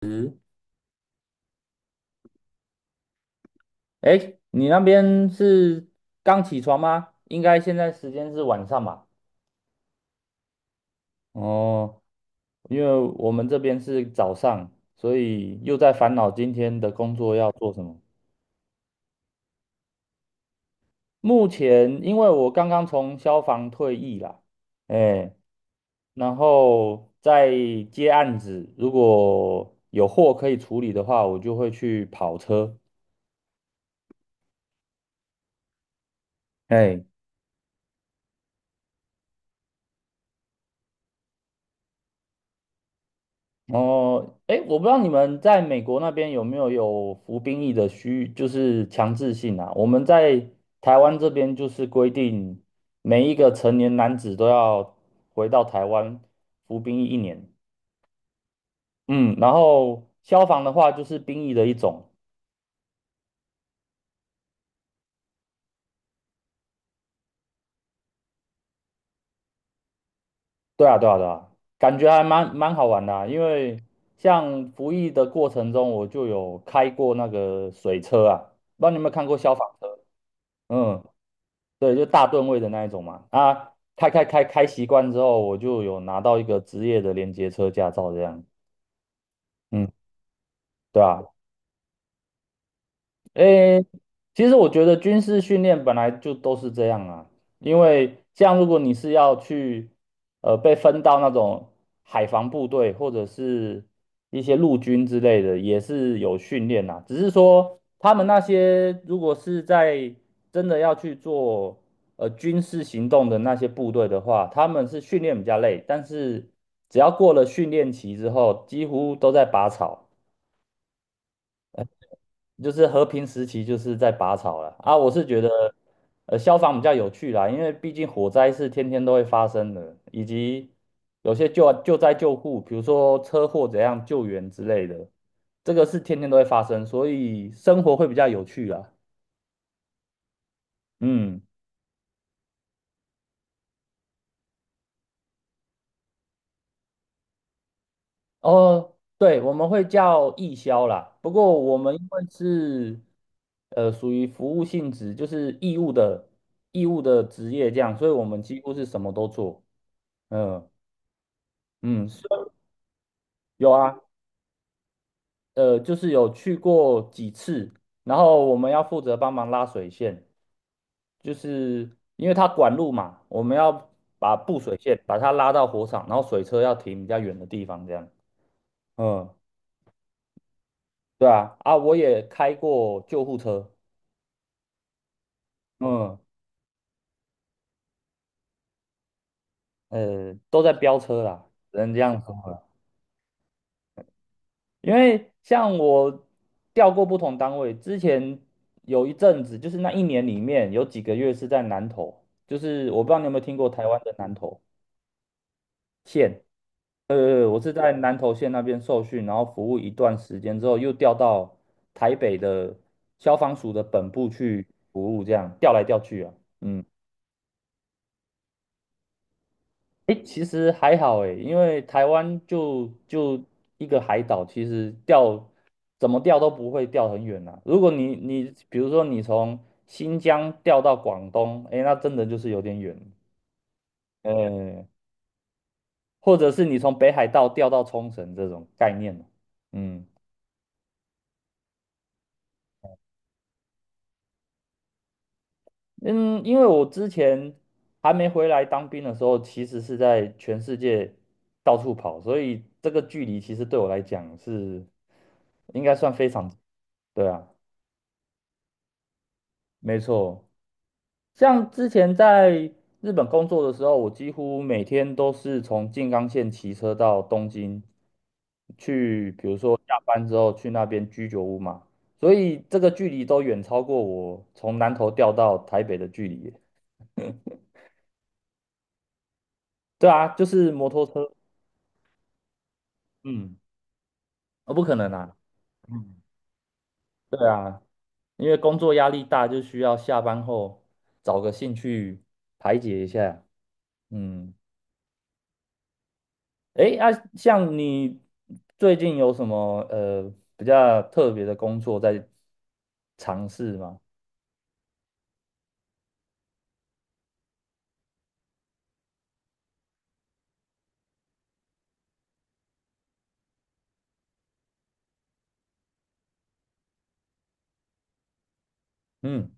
嗯。哎，你那边是刚起床吗？应该现在时间是晚上吧？哦，因为我们这边是早上，所以又在烦恼今天的工作要做什么。目前因为我刚刚从消防退役啦。哎，然后在接案子，如果有货可以处理的话，我就会去跑车。哎。哦，哎，我不知道你们在美国那边有没有服兵役的需，就是强制性啊？我们在台湾这边就是规定，每一个成年男子都要回到台湾服兵役一年。嗯，然后消防的话就是兵役的一种。对啊，对啊，对啊，感觉还蛮好玩的啊，因为像服役的过程中，我就有开过那个水车啊，不知道你有没有看过消防车？嗯。对，就大吨位的那一种嘛。啊，开习惯之后，我就有拿到一个职业的连接车驾照，这样。嗯，对吧？诶，其实我觉得军事训练本来就都是这样啊，因为像如果你是要去，被分到那种海防部队或者是一些陆军之类的，也是有训练啦。只是说他们那些如果是在真的要去做军事行动的那些部队的话，他们是训练比较累，但是只要过了训练期之后，几乎都在拔草。就是和平时期就是在拔草了啊。我是觉得，消防比较有趣啦，因为毕竟火灾是天天都会发生的，以及有些救灾救护，比如说车祸怎样救援之类的，这个是天天都会发生，所以生活会比较有趣啦。嗯，哦，对，我们会叫义消啦。不过我们因为是属于服务性质，就是义务的职业这样，所以我们几乎是什么都做。嗯嗯，有啊，就是有去过几次，然后我们要负责帮忙拉水线，就是因为它管路嘛，我们要把布水线把它拉到火场，然后水车要停比较远的地方，这样。嗯，对啊，啊，我也开过救护车。嗯，都在飙车啦，只能这样说了。因为像我调过不同单位，之前有一阵子，就是那一年里面有几个月是在南投，就是我不知道你有没有听过台湾的南投。县，我是在南投县那边受训，然后服务一段时间之后，又调到台北的消防署的本部去服务，这样调来调去啊。嗯，诶，其实还好诶，因为台湾就一个海岛，其实调怎么调都不会调很远啊。如果你比如说你从新疆调到广东，诶，那真的就是有点远，呃，或者是你从北海道调到冲绳这种概念。嗯。嗯，因为我之前还没回来当兵的时候，其实是在全世界到处跑，所以这个距离其实对我来讲是应该算非常，对啊，没错。像之前在日本工作的时候，我几乎每天都是从静冈县骑车到东京去，比如说下班之后去那边居酒屋嘛，所以这个距离都远超过我从南投调到台北的距离耶。对啊，就是摩托车。嗯。啊，不可能啊。嗯，对啊，因为工作压力大，就需要下班后找个兴趣排解一下。嗯，诶，啊，像你最近有什么比较特别的工作在尝试吗？嗯，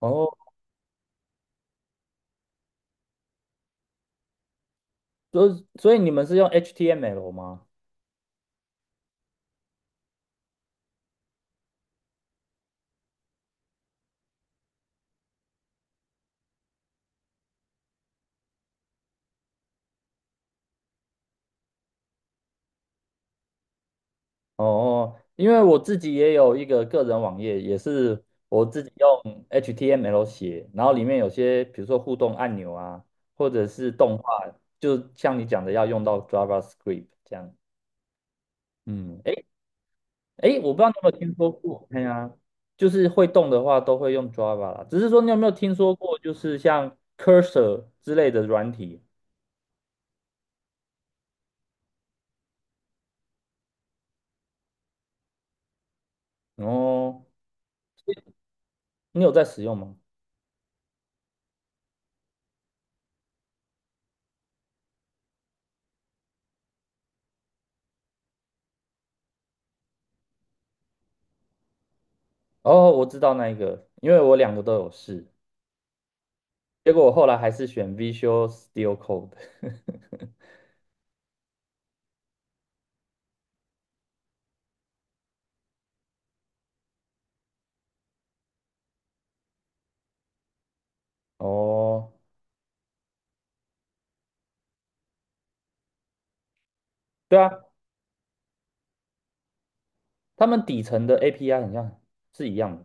哦，所以你们是用 HTML 吗？哦，因为我自己也有一个个人网页，也是我自己用 HTML 写，然后里面有些比如说互动按钮啊，或者是动画，就像你讲的要用到 JavaScript 这样。嗯，诶诶，我不知道你有没有听说过，哎呀，就是会动的话都会用 Java 啦，只是说你有没有听说过，就是像 Cursor 之类的软体？哦，你有在使用吗？哦，我知道那一个，因为我两个都有试。结果我后来还是选 Visual Studio Code。哦，对啊，他们底层的 API 很像是一样的，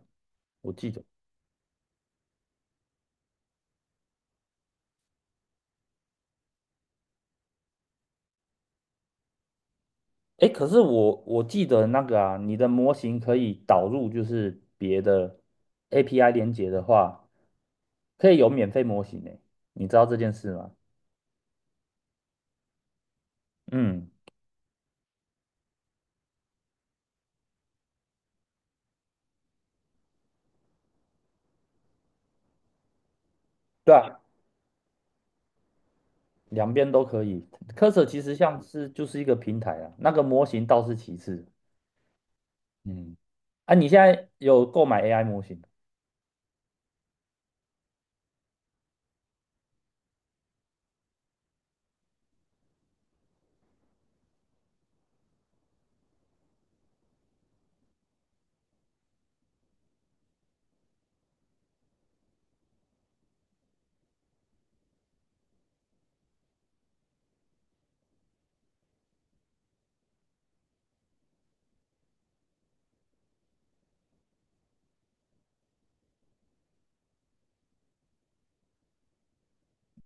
我记得。哎，可是我记得那个啊，你的模型可以导入就是别的 API 连接的话，可以有免费模型呢。你知道这件事吗？嗯，对啊，两边都可以。Cursor 其实像是就是一个平台啊，那个模型倒是其次。嗯，啊，你现在有购买 AI 模型？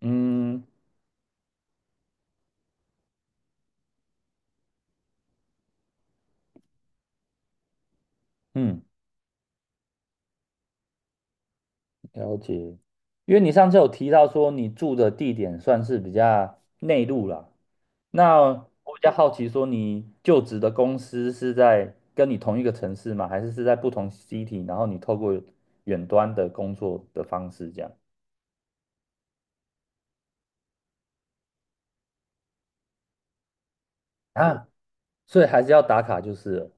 嗯嗯。了解，因为你上次有提到说你住的地点算是比较内陆啦，那我比较好奇说你就职的公司是在跟你同一个城市吗？还是是在不同 city，然后你透过远端的工作的方式这样啊？所以还是要打卡就是了。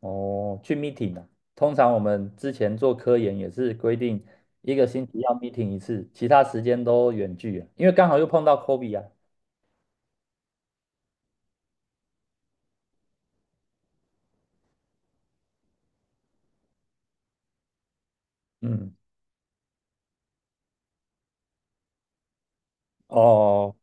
哦，去 meeting 啊。通常我们之前做科研也是规定一个星期要 meeting 一次，其他时间都远距啊，因为刚好又碰到 COVID 啊。嗯，哦。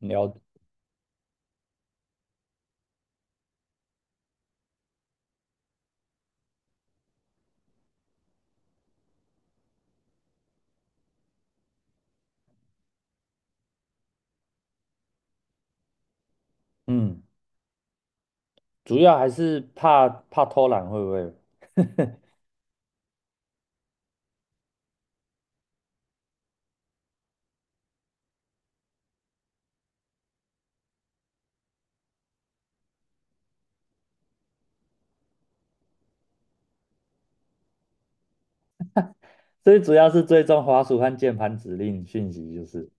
了嗯，主要还是怕偷懒，会不会？最主要是追踪滑鼠和键盘指令讯息，就是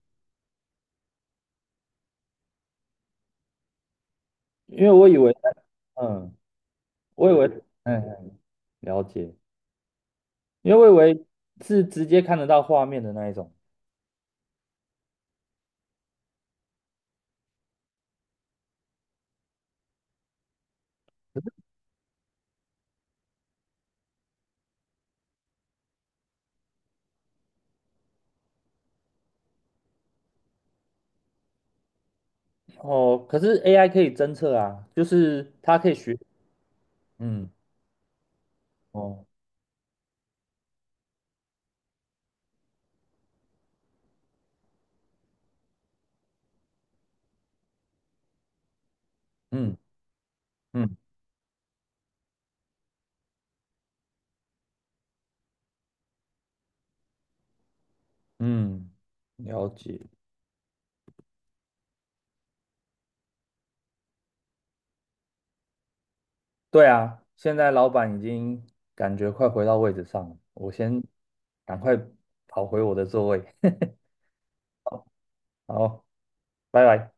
因为我以为，嗯，我以为，嗯，了解，因为我以为是直接看得到画面的那一种。哦，可是 AI 可以侦测啊，就是它可以学，嗯，哦，嗯嗯嗯，了解。对啊，现在老板已经感觉快回到位置上了，我先赶快跑回我的座位。好，拜拜。